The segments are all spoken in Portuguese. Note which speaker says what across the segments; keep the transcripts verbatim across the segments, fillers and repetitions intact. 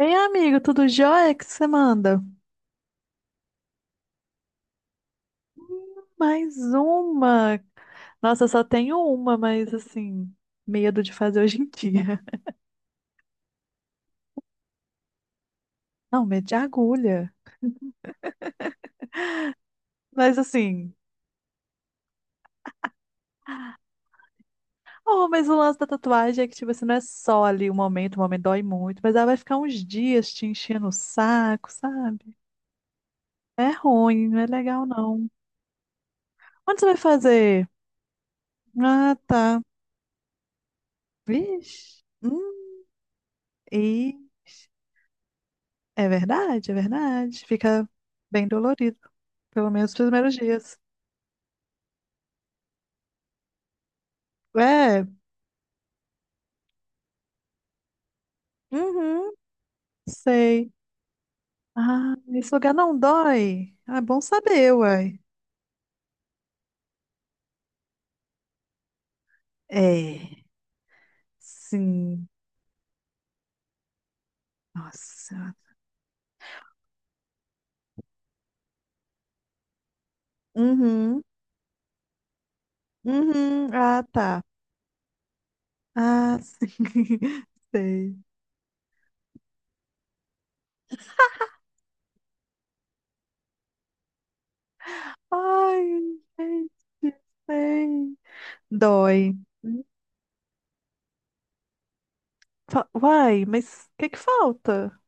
Speaker 1: Ei, amigo, tudo jóia? O que você manda? Mais uma. Nossa, eu só tenho uma, mas assim, medo de fazer hoje em dia. Não, medo de agulha. Mas assim, oh, mas o lance da tatuagem é que, tipo assim, não é só ali o momento, o momento dói muito, mas ela vai ficar uns dias te enchendo o saco, sabe? É ruim, não é legal, não. Onde você vai fazer? Ah, tá. Vixe. Hum, É verdade, é verdade. Fica bem dolorido, pelo menos nos primeiros dias. É, Uhum. Sei. Ah, esse lugar não dói. Ah, é bom saber, uai. É, sim. Nossa. Uhum, uhum. Ah, tá. Ah, sim. Sei. Ai, gente, sei. Dói. Fa- Uai, mas o que que falta?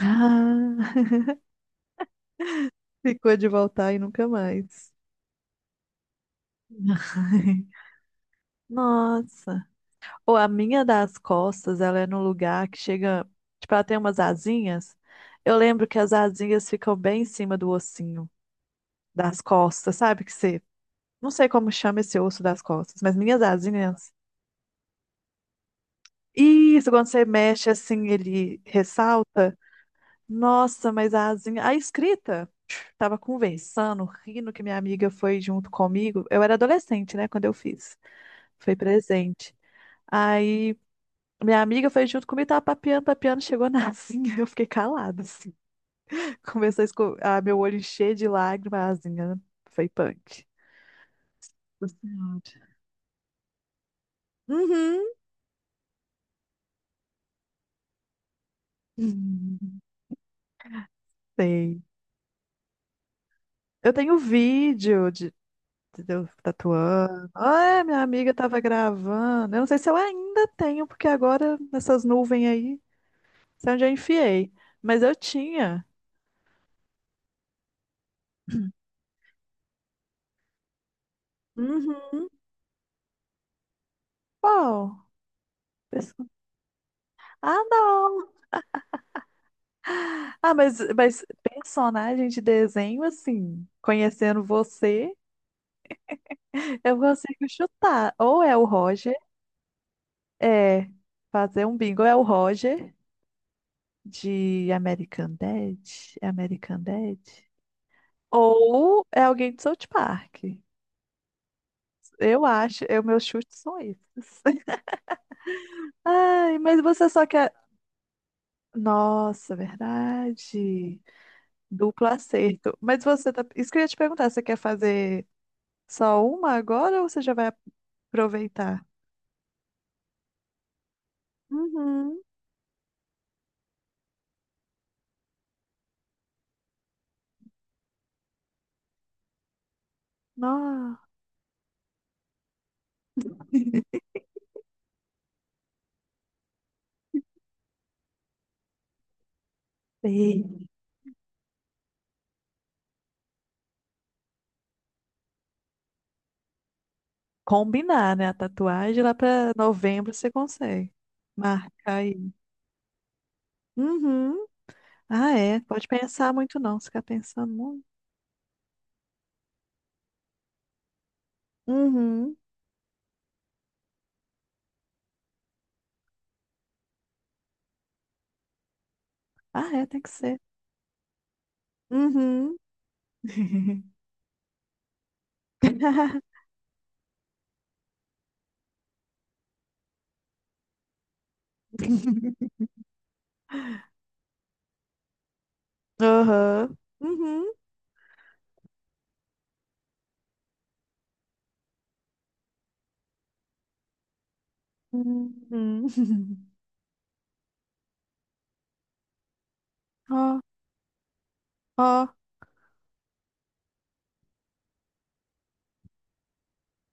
Speaker 1: Ah, ficou de voltar e nunca mais. Nossa. Ou a minha das costas, ela é num lugar que chega. Tipo, ela tem umas asinhas. Eu lembro que as asinhas ficam bem em cima do ossinho das costas, sabe? Que você. Não sei como chama esse osso das costas, mas minhas asinhas. Isso, quando você mexe assim, ele ressalta. Nossa, mas a asinha. A escrita. Tava conversando, rindo que minha amiga foi junto comigo. Eu era adolescente, né, quando eu fiz. Foi presente. Aí. Minha amiga foi junto comigo, tava papeando, papeando, chegou na asinha, eu fiquei calada, assim. Começou a, esco... a meu olho encher de lágrimas, a asinha foi punk. Nossa Senhora. Uhum. Hum, Sei. Eu tenho vídeo de, de eu tatuando. Ah, minha amiga tava gravando. Eu não sei se eu ainda tenho, porque agora nessas nuvens aí, sei onde eu enfiei. Mas eu tinha. Uhum. Qual? Pessoa- Ah, não! Ah, mas, mas personagem de desenho, assim, conhecendo você, eu consigo chutar. Ou é o Roger, é fazer um bingo, é o Roger de American Dad, American Dad. Ou é alguém de South Park. Eu acho, eu, meus chutes são esses. Ai, mas você só quer. Nossa, é verdade. Duplo acerto. Mas você tá. Isso que eu ia te perguntar, você quer fazer só uma agora ou você já vai aproveitar. Uhum. Nossa. E combinar, né? A tatuagem lá pra novembro você consegue. Marcar aí. Uhum. Ah, é. Pode pensar muito não. Se ficar pensando muito. Uhum. Ah, é. Tem que ser. Uhum. Aham. Uhum. Uhum. Ó, ó.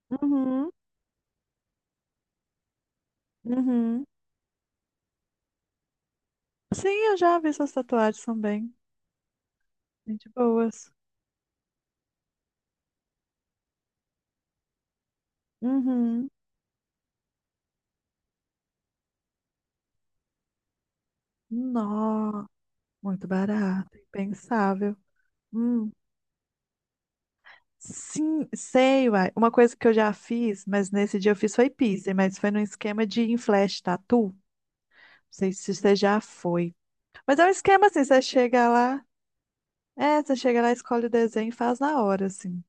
Speaker 1: Uhum. Uhum. Sim, eu já vi essas tatuagens também. Gente boas. Uhum. Nossa. Muito barato, impensável. Hum, sim, sei, uai. Uma coisa que eu já fiz, mas nesse dia eu fiz foi piercing, mas foi num esquema de em flash tattoo. Não sei se você já foi. Mas é um esquema assim, você chega lá, é, você chega lá, escolhe o desenho e faz na hora, assim.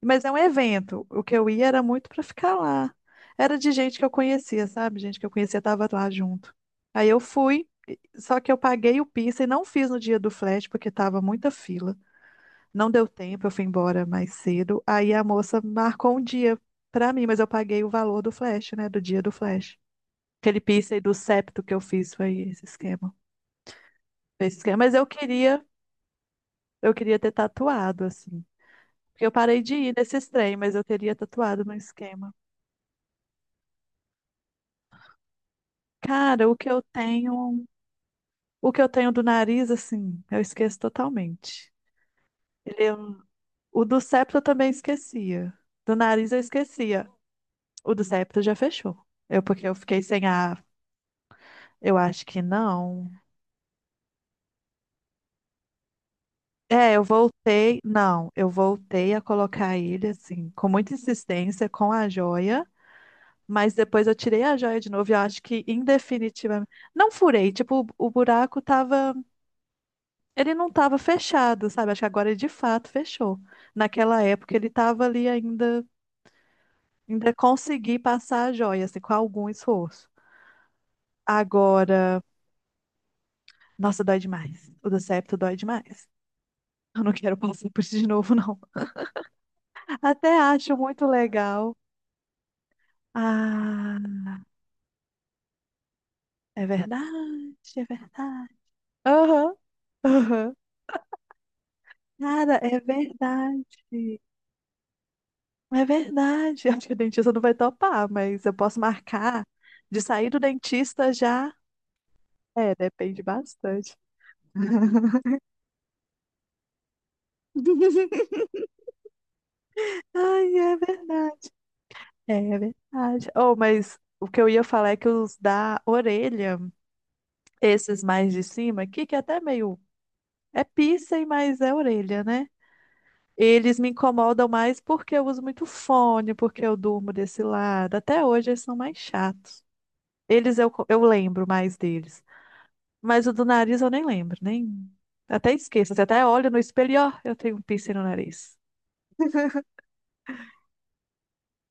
Speaker 1: Mas é um evento. O que eu ia era muito pra ficar lá. Era de gente que eu conhecia, sabe? Gente que eu conhecia tava lá junto. Aí eu fui, e- só que eu paguei o piercing, não fiz no dia do flash, porque tava muita fila. Não deu tempo, eu fui embora mais cedo. Aí a moça marcou um dia pra mim, mas eu paguei o valor do flash, né? Do dia do flash. Aquele piercing do septo que eu fiz foi esse esquema. Foi esse esquema. Mas eu queria, eu queria ter tatuado, assim. Porque eu parei de ir nesses trem, mas eu teria tatuado no esquema. Cara, o que eu tenho, o que eu tenho do nariz, assim, eu esqueço totalmente. Ele é um- o do septo eu também esquecia. Do nariz eu esquecia. O do septo já fechou. Eu, porque eu fiquei sem a. Eu acho que não. É, eu voltei. Não, eu voltei a colocar ele assim, com muita insistência, com a joia, mas depois eu tirei a joia de novo e eu acho que indefinitivamente. Não furei, tipo, o, o buraco tava. Ele não tava fechado, sabe? Acho que agora ele de fato fechou. Naquela época ele tava ali ainda. Ainda consegui passar a joia, assim, com algum esforço. Agora. Nossa, dói demais. O do septo dói demais. Eu não quero passar por isso de novo, não. Até acho muito legal. Ah, é verdade, é verdade. Aham, aham. Cara, é verdade. É verdade. Acho que o dentista não vai topar, mas eu posso marcar de sair do dentista já. É, depende bastante. Ai, é verdade. É, é verdade. Oh, mas o que eu ia falar é que os da orelha, esses mais de cima aqui, que é até meio. É piercing, mas é orelha, né? Eles me incomodam mais porque eu uso muito fone, porque eu durmo desse lado. Até hoje eles são mais chatos. Eles eu, co- eu lembro mais deles. Mas o do nariz eu nem lembro, nem. Até esqueço. Você até olha no espelho e ó, eu tenho um piercing no nariz.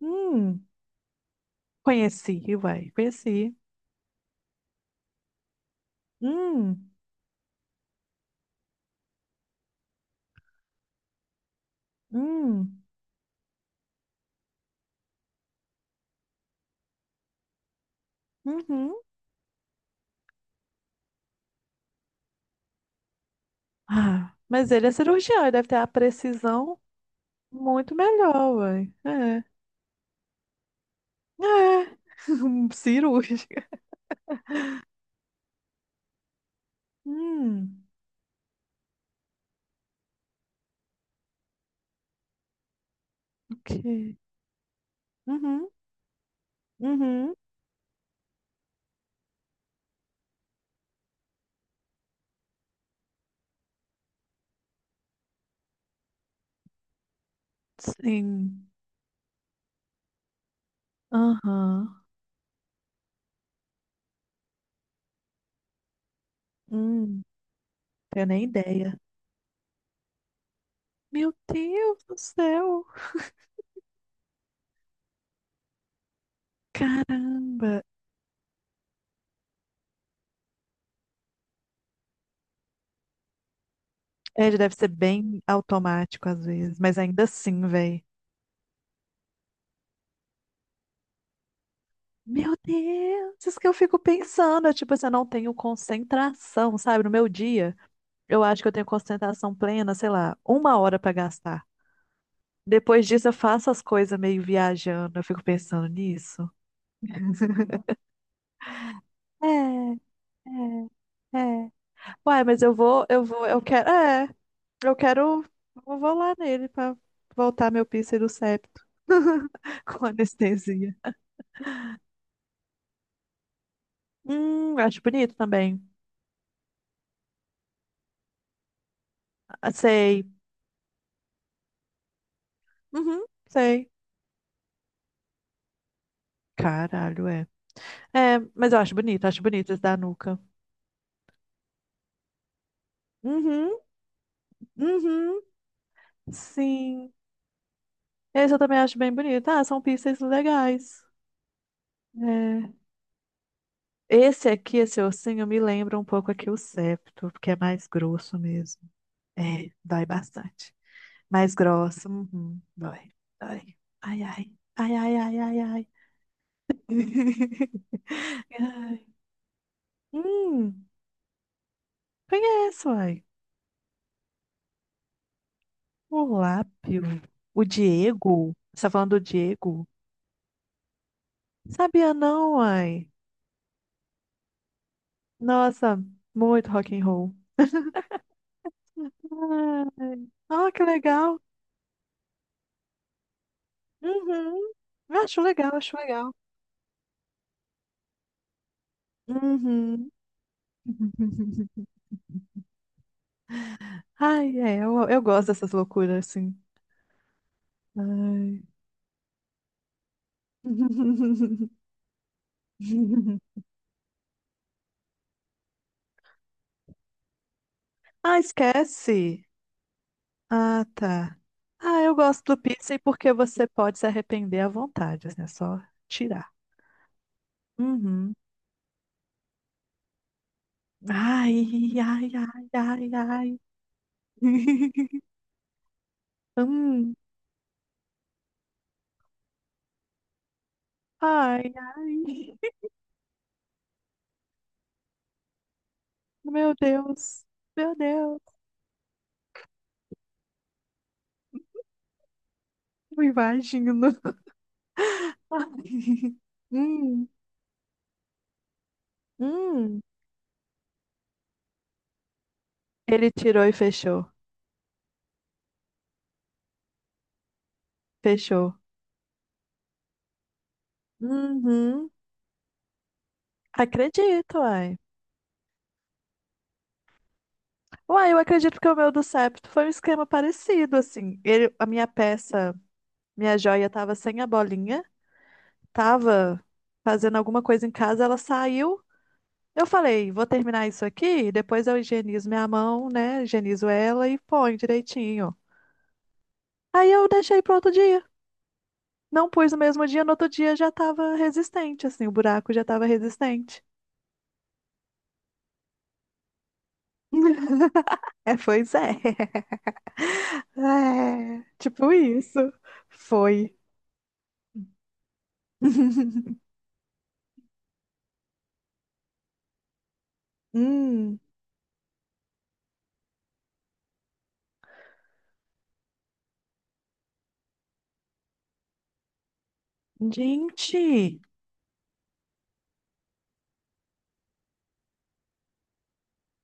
Speaker 1: Hum, Conheci, vai, conheci. Hum, hum, uhum. Ah, mas ele é cirurgião, ele deve ter a precisão muito melhor, vai. É, é, cirúrgica. Hum, ok. Uhum, uhum, sim. Aham. Hum, Tenho nem ideia. Meu Deus do céu! Caramba! É, ele deve ser bem automático às vezes, mas ainda assim, velho. Meu Deus! Isso que eu fico pensando. é Tipo, assim, eu não tenho concentração, sabe? No meu dia, eu acho que eu tenho concentração plena, sei lá, uma hora pra gastar. Depois disso, eu faço as coisas meio viajando. Eu fico pensando nisso. É, é, é. Uai, mas eu vou, eu vou, eu quero, é, eu quero, eu vou lá nele pra voltar meu do septo com anestesia. Hum, eu acho bonito também. Ah, Sei. Uhum, sei. Caralho, é. É, mas eu acho bonito, acho bonito esse da nuca. Uhum, uhum, sim. Esse eu também acho bem bonito. Ah, são pieces legais. É. Esse aqui, esse ossinho, me lembra um pouco aqui o septo, porque é mais grosso mesmo. É, dói bastante. Mais grossa. Uhum. Dói, dói. Ai, ai. Ai, ai, ai, ai, ai. Ai. Hum, Conheço, ai. O Lápio. O Diego. Você tá falando do Diego? Sabia não, ai. Nossa, muito rock and roll. Ai. Ah, que legal. Uhum. Acho legal, acho legal. Uhum. Ai, é, eu, eu gosto dessas loucuras, assim. Ai. Ah, esquece. Ah, tá. Ah, eu gosto do pizza e porque você pode se arrepender à vontade, né? Só tirar. Uhum. Ai, ai, ai, ai, ai. Hum. Ai, ai. Meu Deus. Meu Deus. Eu imagino. Ai. Hum. Hum. Ele tirou e fechou. Fechou. Uhum. Acredito, ai. Uai, eu acredito que o meu do septo foi um esquema parecido, assim. Ele, a minha peça, minha joia, tava sem a bolinha, tava fazendo alguma coisa em casa, ela saiu. Eu falei, vou terminar isso aqui, depois eu higienizo minha mão, né? Higienizo ela e põe direitinho. Aí eu deixei pro outro dia. Não pus no mesmo dia, no outro dia já tava resistente, assim, o buraco já tava resistente. É, pois é. É, tipo isso. Foi. Hum. Gente,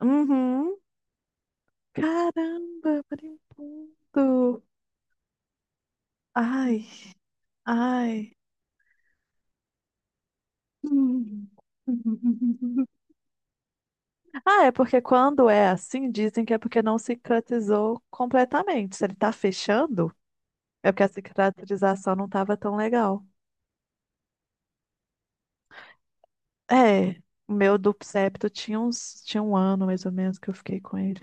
Speaker 1: uhum. Caramba, brincando. Ai, ai. Hum. Ah, é porque quando é assim, dizem que é porque não cicatrizou completamente. Se ele tá fechando, é porque a cicatrização não tava tão legal. É, o meu duplo septo tinha uns, tinha um ano mais ou menos que eu fiquei com ele.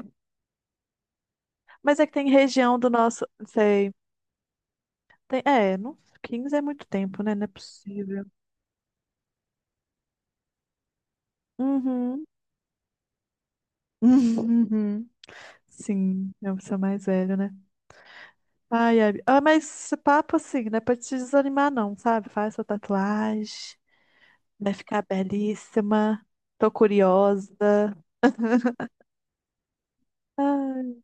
Speaker 1: Mas é que tem região do nosso, sei, tem, é, não, quinze é muito tempo, né? Não é possível. Uhum. Uhum. Sim, é o seu mais velho, né? Ai, ai. Ah, mas esse papo assim, não é pra te desanimar, não, sabe? Faz sua tatuagem, vai ficar belíssima. Tô curiosa. Ai.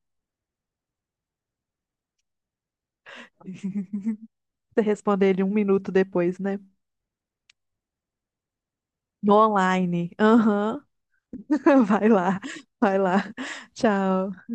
Speaker 1: Você responde ele um minuto depois, né? No online. Aham. Vai lá, vai lá. Tchau.